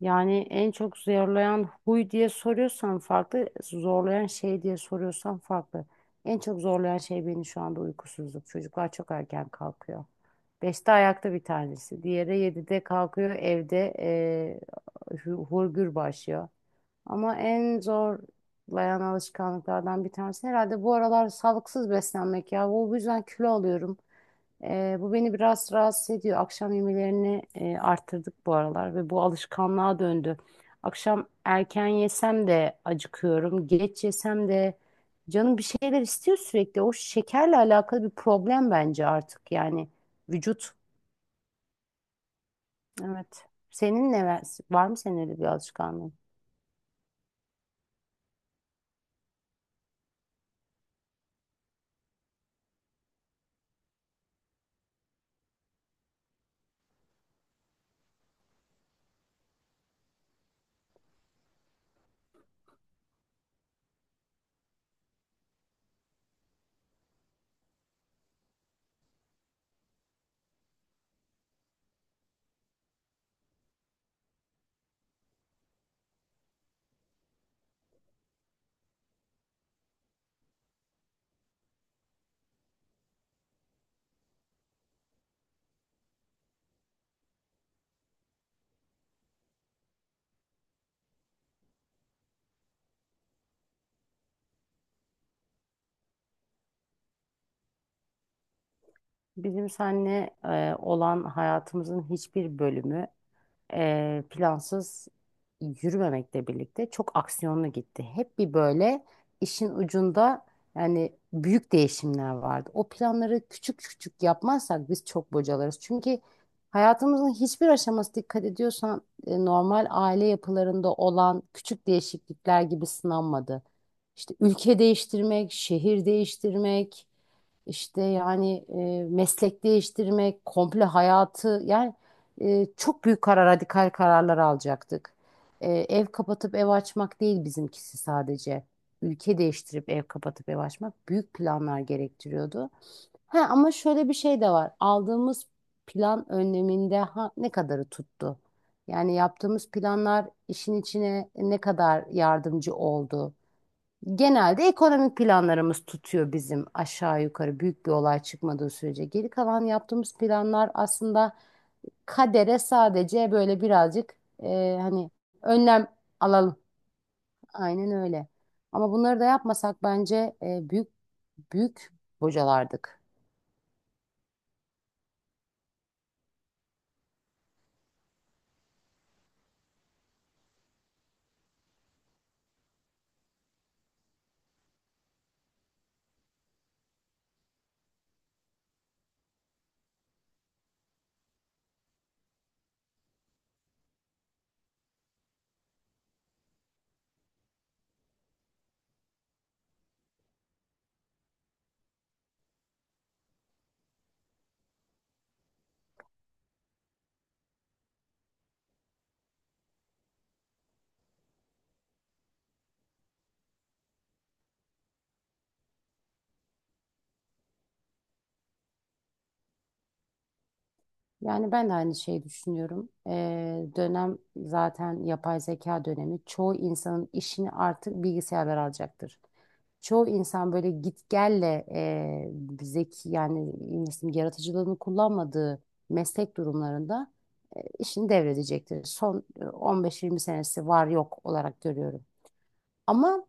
Yani en çok zorlayan huy diye soruyorsan farklı, zorlayan şey diye soruyorsan farklı. En çok zorlayan şey beni şu anda uykusuzluk. Çocuklar çok erken kalkıyor. Beşte ayakta bir tanesi. Diğeri yedide kalkıyor evde hurgür başlıyor. Ama en zorlayan alışkanlıklardan bir tanesi herhalde bu aralar sağlıksız beslenmek ya. Bu yüzden kilo alıyorum. Bu beni biraz rahatsız ediyor. Akşam yemelerini arttırdık bu aralar ve bu alışkanlığa döndü. Akşam erken yesem de acıkıyorum. Geç yesem de canım bir şeyler istiyor sürekli. O şekerle alakalı bir problem bence artık yani vücut. Evet. Senin ne var mı senin öyle bir alışkanlığın? Bizim seninle olan hayatımızın hiçbir bölümü, plansız yürümemekle birlikte çok aksiyonlu gitti. Hep bir böyle işin ucunda yani büyük değişimler vardı. O planları küçük küçük yapmazsak biz çok bocalarız. Çünkü hayatımızın hiçbir aşaması dikkat ediyorsan normal aile yapılarında olan küçük değişiklikler gibi sınanmadı. İşte ülke değiştirmek, şehir değiştirmek, işte yani meslek değiştirmek, komple hayatı yani çok büyük karar, radikal kararlar alacaktık. Ev kapatıp ev açmak değil bizimkisi sadece. Ülke değiştirip ev kapatıp ev açmak büyük planlar gerektiriyordu. Ha, ama şöyle bir şey de var. Aldığımız plan önleminde ha, ne kadarı tuttu? Yani yaptığımız planlar işin içine ne kadar yardımcı oldu? Genelde ekonomik planlarımız tutuyor bizim aşağı yukarı büyük bir olay çıkmadığı sürece. Geri kalan yaptığımız planlar aslında kadere sadece böyle birazcık hani önlem alalım. Aynen öyle. Ama bunları da yapmasak bence büyük büyük bocalardık. Yani ben de aynı şeyi düşünüyorum. Dönem zaten yapay zeka dönemi. Çoğu insanın işini artık bilgisayarlar alacaktır. Çoğu insan böyle git gelle zeki yani nasıl diyeyim, yaratıcılığını kullanmadığı meslek durumlarında işini devredecektir. Son 15-20 senesi var yok olarak görüyorum. Ama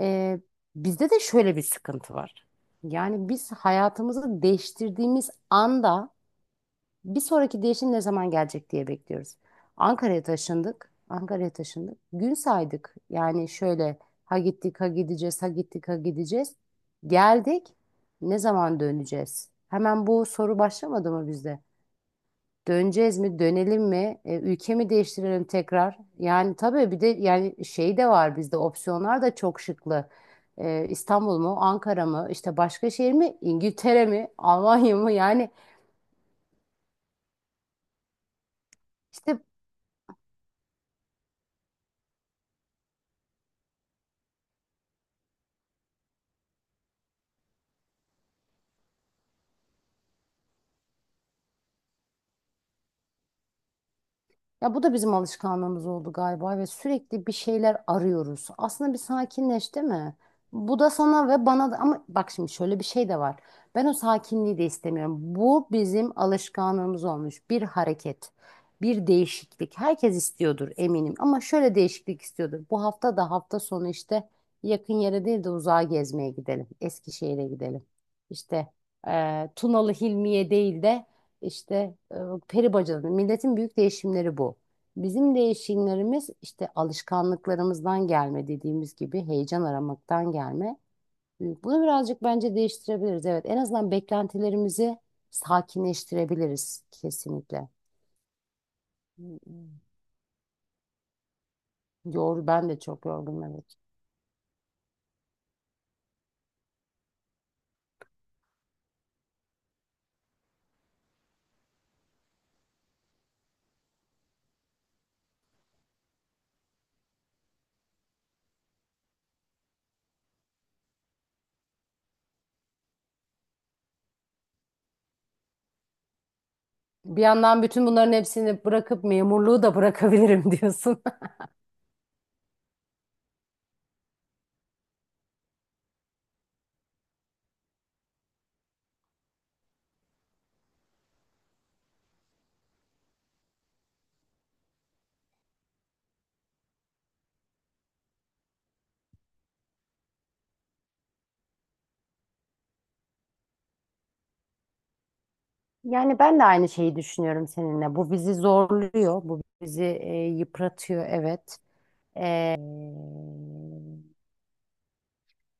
e, bizde de şöyle bir sıkıntı var. Yani biz hayatımızı değiştirdiğimiz anda bir sonraki değişim ne zaman gelecek diye bekliyoruz. Ankara'ya taşındık. Ankara'ya taşındık. Gün saydık. Yani şöyle ha gittik ha gideceğiz ha gittik ha gideceğiz. Geldik. Ne zaman döneceğiz? Hemen bu soru başlamadı mı bizde? Döneceğiz mi? Dönelim mi? E, ülke mi değiştirelim tekrar? Yani tabii bir de yani şey de var bizde opsiyonlar da çok şıklı. E, İstanbul mu? Ankara mı? İşte başka şehir mi? İngiltere mi? Almanya mı? Yani işte ya bu da bizim alışkanlığımız oldu galiba ve sürekli bir şeyler arıyoruz. Aslında bir sakinleş, değil mi? Bu da sana ve bana da ama bak şimdi şöyle bir şey de var. Ben o sakinliği de istemiyorum. Bu bizim alışkanlığımız olmuş. Bir hareket, bir değişiklik. Herkes istiyordur eminim ama şöyle değişiklik istiyordur. Bu hafta da hafta sonu işte yakın yere değil de uzağa gezmeye gidelim. Eskişehir'e gidelim. İşte Tunalı Hilmi'ye değil de işte peri bacaları, milletin büyük değişimleri bu. Bizim değişimlerimiz işte alışkanlıklarımızdan gelme dediğimiz gibi heyecan aramaktan gelme. Bunu birazcık bence değiştirebiliriz. Evet, en azından beklentilerimizi sakinleştirebiliriz kesinlikle. Yor, ben de çok yorgunum, evet. Bir yandan bütün bunların hepsini bırakıp memurluğu da bırakabilirim diyorsun. Yani ben de aynı şeyi düşünüyorum seninle. Bu bizi zorluyor, bu bizi yıpratıyor, evet. Ee,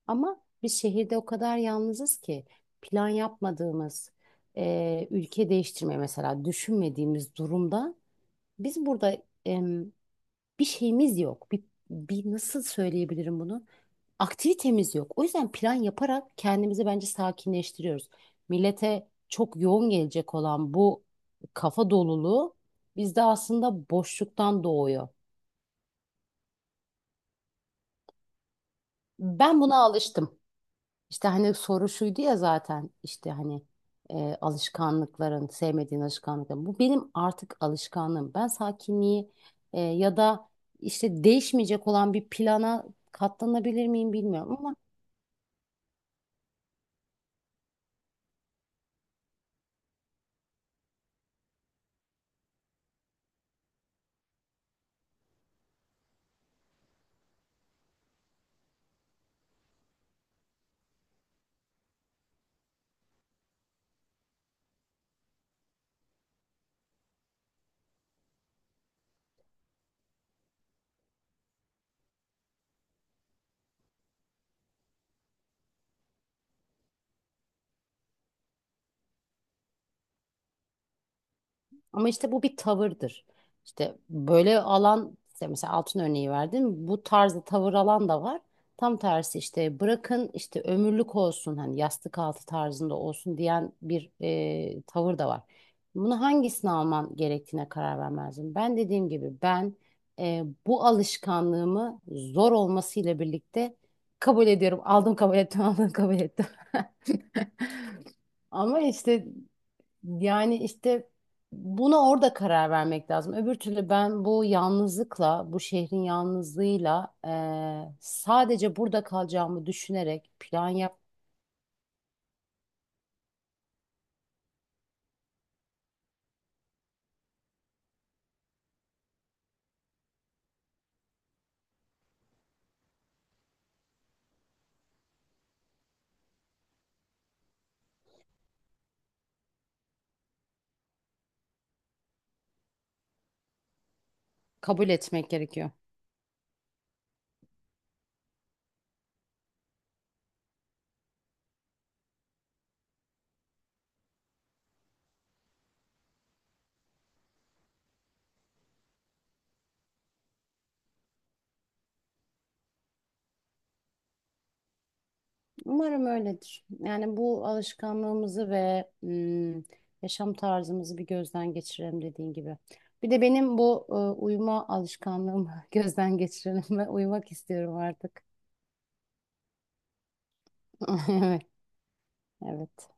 Ama biz şehirde o kadar yalnızız ki plan yapmadığımız, ülke değiştirme mesela düşünmediğimiz durumda biz burada bir şeyimiz yok. Bir nasıl söyleyebilirim bunu? Aktivitemiz yok. O yüzden plan yaparak kendimizi bence sakinleştiriyoruz. Millete çok yoğun gelecek olan bu kafa doluluğu bizde aslında boşluktan doğuyor. Ben buna alıştım. İşte hani soru şuydu ya zaten işte hani alışkanlıkların, sevmediğin alışkanlıkların. Bu benim artık alışkanlığım. Ben sakinliği ya da işte değişmeyecek olan bir plana katlanabilir miyim bilmiyorum ama. Ama işte bu bir tavırdır. İşte böyle alan işte mesela altın örneği verdim. Bu tarzda tavır alan da var. Tam tersi işte bırakın işte ömürlük olsun hani yastık altı tarzında olsun diyen bir tavır da var. Bunu hangisini alman gerektiğine karar vermezdim. Ben dediğim gibi ben bu alışkanlığımı zor olmasıyla birlikte kabul ediyorum. Aldım kabul ettim, aldım kabul ettim. Ama işte yani işte buna orada karar vermek lazım. Öbür türlü ben bu yalnızlıkla, bu şehrin yalnızlığıyla sadece burada kalacağımı düşünerek plan yap, kabul etmek gerekiyor. Umarım öyledir. Yani bu alışkanlığımızı ve yaşam tarzımızı bir gözden geçirelim dediğin gibi. Bir de benim bu uyuma alışkanlığımı gözden geçirelim ve uyumak istiyorum artık. Evet, evet.